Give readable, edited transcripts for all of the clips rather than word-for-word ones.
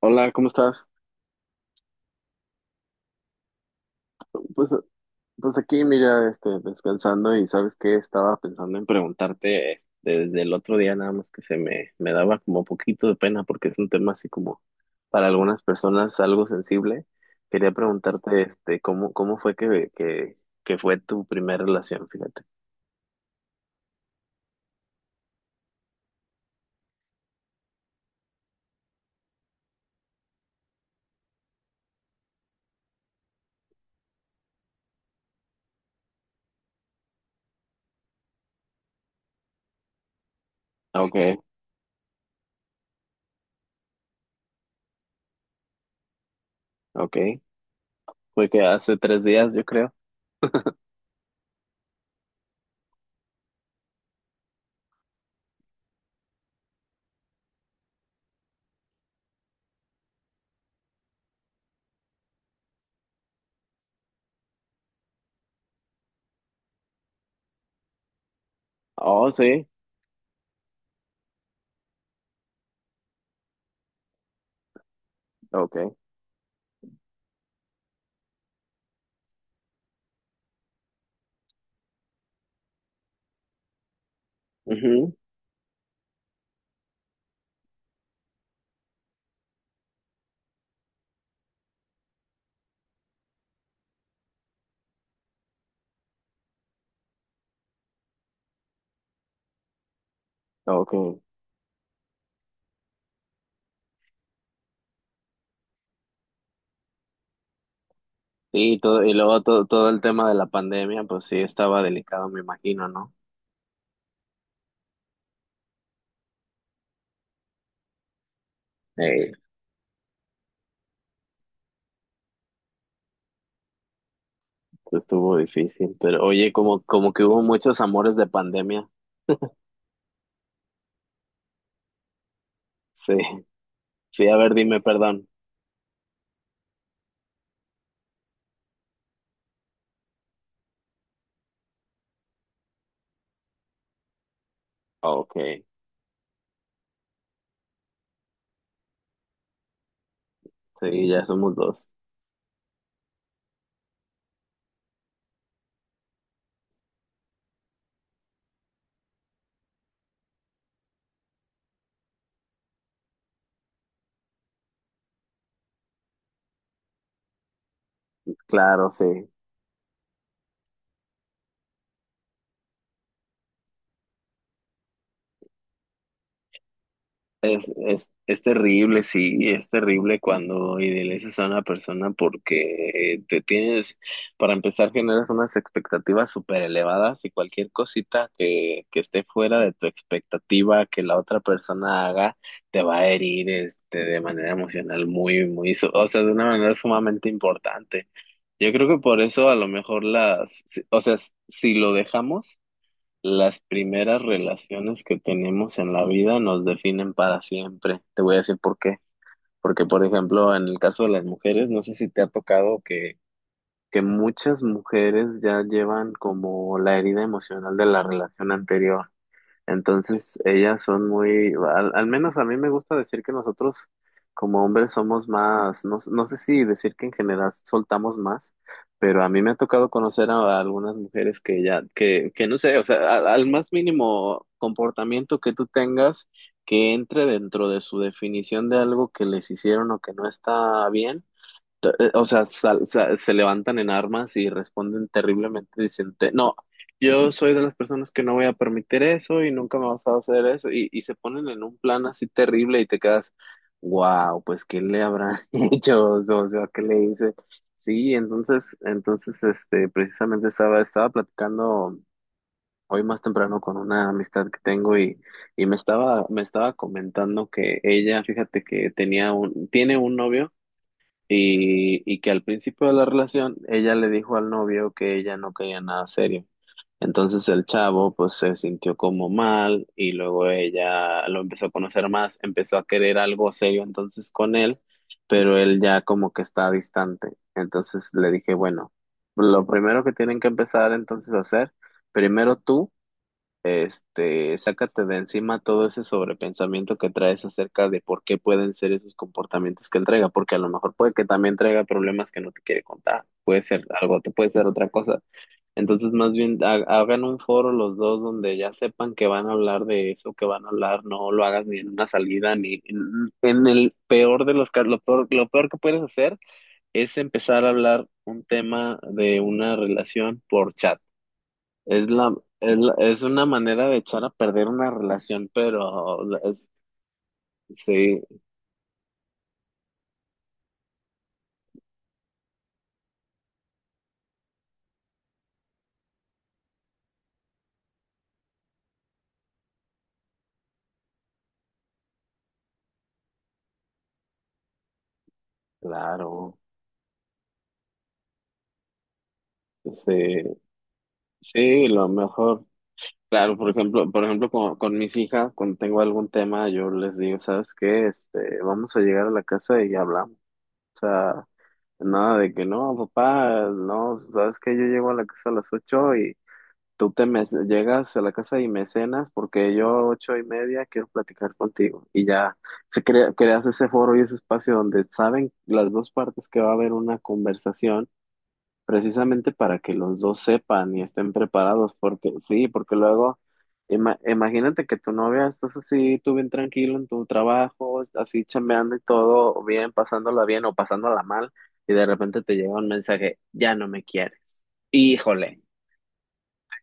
Hola, ¿cómo estás? Pues, pues, aquí, mira, este, descansando y sabes qué, estaba pensando en preguntarte desde el otro día, nada más que se me daba como poquito de pena porque es un tema así como para algunas personas algo sensible. Quería preguntarte, este, ¿cómo fue que fue tu primera relación? Fíjate. Okay, okay. Fue que hace 3 días, yo creo. Oh, sí. Okay. Mhm. Sí, todo, y luego todo el tema de la pandemia, pues sí estaba delicado, me imagino, ¿no? Eh, estuvo difícil, pero oye, como que hubo muchos amores de pandemia. Sí, sí, a ver, dime, perdón. Ok, sí, ya somos dos. Claro, sí. Es terrible, sí, es terrible cuando idealizas a una persona porque te tienes, para empezar, generas unas expectativas súper elevadas y cualquier cosita que esté fuera de tu expectativa que la otra persona haga te va a herir este, de manera emocional muy, muy, o sea, de una manera sumamente importante. Yo creo que por eso a lo mejor las, si- o sea, si lo dejamos las primeras relaciones que tenemos en la vida nos definen para siempre. Te voy a decir por qué. Porque, por ejemplo, en el caso de las mujeres, no sé si te ha tocado que muchas mujeres ya llevan como la herida emocional de la relación anterior. Entonces, ellas son muy, al menos a mí me gusta decir que nosotros como hombres somos más, no sé si decir que en general soltamos más, pero a mí me ha tocado conocer a algunas mujeres que ya, que no sé, o sea, al más mínimo comportamiento que tú tengas que entre dentro de su definición de algo que les hicieron o que no está bien O sea, se levantan en armas y responden terriblemente. Dicen, "No, yo soy de las personas que no voy a permitir eso y nunca me vas a hacer eso. Y se ponen en un plan así terrible y te quedas, wow, pues ¿qué le habrán hecho? O sea, ¿qué le hice? Sí, entonces, este, precisamente estaba platicando hoy más temprano con una amistad que tengo y me estaba comentando que ella, fíjate que tenía un, tiene un novio y que al principio de la relación ella le dijo al novio que ella no quería nada serio. Entonces el chavo pues se sintió como mal y luego ella lo empezó a conocer más, empezó a querer algo serio entonces con él, pero él ya como que está distante. Entonces le dije, bueno, lo primero que tienen que empezar entonces a hacer, primero tú. Este, sácate de encima todo ese sobrepensamiento que traes acerca de por qué pueden ser esos comportamientos que él traiga, porque a lo mejor puede que también traiga problemas que no te quiere contar, puede ser algo, te puede ser otra cosa. Entonces, más bien, hagan un foro los dos donde ya sepan que van a hablar de eso, que van a hablar, no lo hagas ni en una salida, ni en el peor de los casos, lo peor que puedes hacer es empezar a hablar un tema de una relación por chat. Es la, es una manera de echar a perder una relación, pero es, sí, claro, sí, sí, lo mejor. Claro, por ejemplo, con mis hijas, cuando tengo algún tema, yo les digo, ¿sabes qué? Este, vamos a llegar a la casa y hablamos. O sea, nada de que no, papá, no, ¿sabes qué? Yo llego a la casa a las 8 y tú te me llegas a la casa y me cenas porque yo a 8:30 quiero platicar contigo y ya creas ese foro y ese espacio donde saben las dos partes que va a haber una conversación precisamente para que los dos sepan y estén preparados porque sí, porque luego imagínate que tu novia estás así, tú bien tranquilo en tu trabajo, así chambeando y todo bien, pasándola bien o pasándola mal y de repente te llega un mensaje, ya no me quieres. Híjole.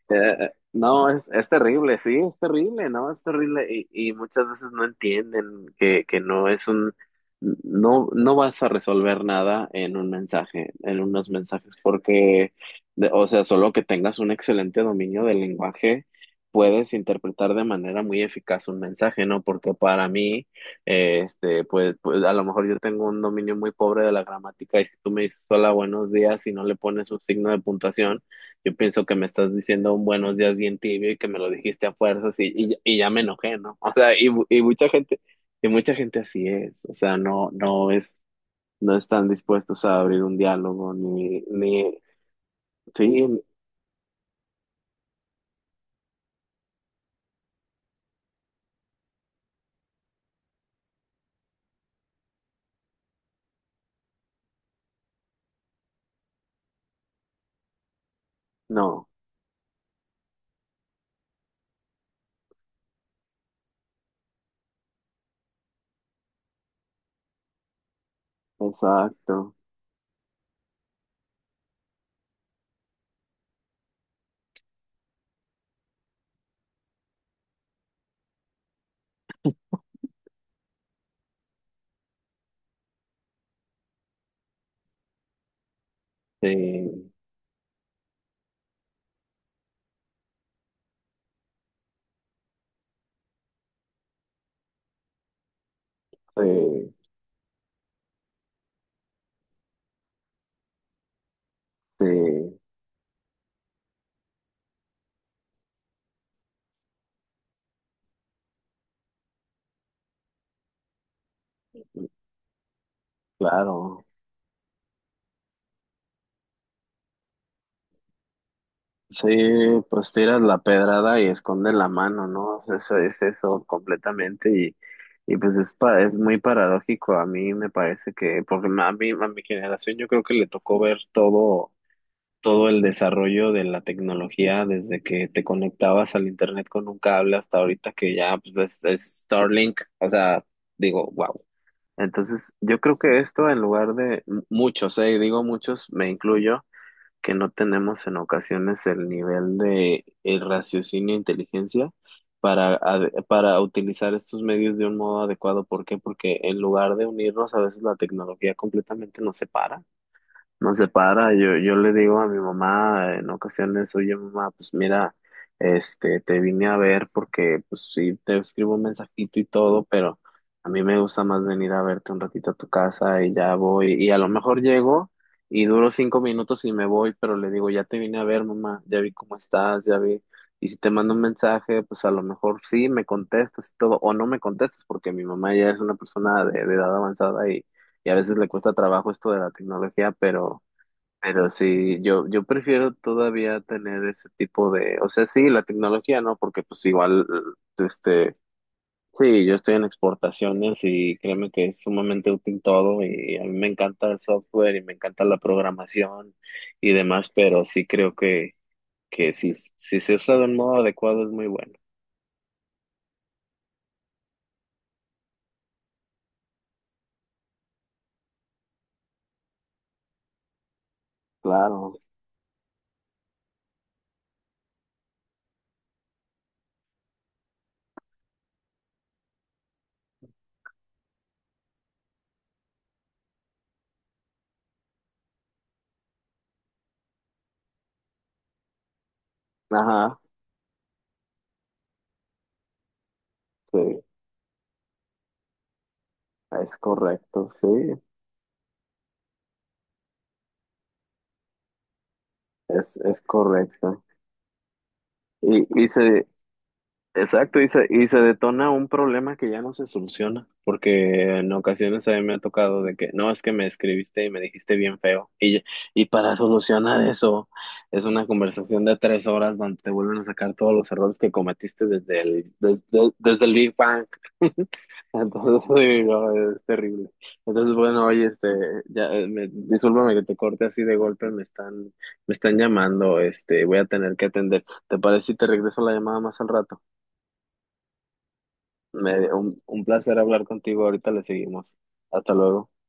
No, es terrible, sí, es terrible, no, es terrible y muchas veces no entienden que no es un, no vas a resolver nada en un mensaje, en unos mensajes, porque, o sea, solo que tengas un excelente dominio del lenguaje, puedes interpretar de manera muy eficaz un mensaje, ¿no? Porque para mí, este, pues a lo mejor yo tengo un dominio muy pobre de la gramática y si tú me dices hola, buenos días y no le pones un signo de puntuación, yo pienso que me estás diciendo un buenos días bien tibio y que me lo dijiste a fuerzas y ya me enojé, ¿no? O sea, y mucha gente así es, o sea, no es, no están dispuestos a abrir un diálogo ni, sí, no, exacto, sí, sí, sí, claro. Sí, pues tiras la pedrada y escondes la mano, ¿no? O sea, eso es eso completamente y pues es, es muy paradójico. A mí me parece que, porque a mí, a mi generación yo creo que le tocó ver todo el desarrollo de la tecnología desde que te conectabas al internet con un cable hasta ahorita que ya pues, es Starlink. O sea, digo, wow. Entonces, yo creo que esto en lugar de muchos, digo muchos, me incluyo que no tenemos en ocasiones el nivel de raciocinio e inteligencia para utilizar estos medios de un modo adecuado. ¿Por qué? Porque en lugar de unirnos, a veces la tecnología completamente nos separa no se para, yo le digo a mi mamá en ocasiones, oye mamá, pues mira, este, te vine a ver porque pues sí, te escribo un mensajito y todo, pero a mí me gusta más venir a verte un ratito a tu casa y ya voy, y a lo mejor llego y duro 5 minutos y me voy, pero le digo, ya te vine a ver mamá, ya vi cómo estás, ya vi, y si te mando un mensaje, pues a lo mejor sí, me contestas y todo, o no me contestas, porque mi mamá ya es una persona de edad avanzada y a veces le cuesta trabajo esto de la tecnología, pero... Pero sí, yo prefiero todavía tener ese tipo de, o sea, sí, la tecnología, ¿no? Porque pues igual, este, sí, yo estoy en exportaciones y créeme que es sumamente útil todo y a mí me encanta el software y me encanta la programación y demás, pero sí creo que si se usa de un modo adecuado es muy bueno. Claro, ajá, sí, es correcto, sí, es correcto. Y se, exacto, y se detona un problema que ya no se soluciona, porque en ocasiones a mí me ha tocado de que, no, es que me escribiste y me dijiste bien feo, y para solucionar eso es una conversación de 3 horas donde te vuelven a sacar todos los errores que cometiste desde el Big Bang. Entonces, sí, no, es terrible. Entonces, bueno, oye, este, ya, discúlpame que te corte así de golpe, me están llamando, este, voy a tener que atender. ¿Te parece si te regreso la llamada más al rato? Un placer hablar contigo. Ahorita le seguimos. Hasta luego.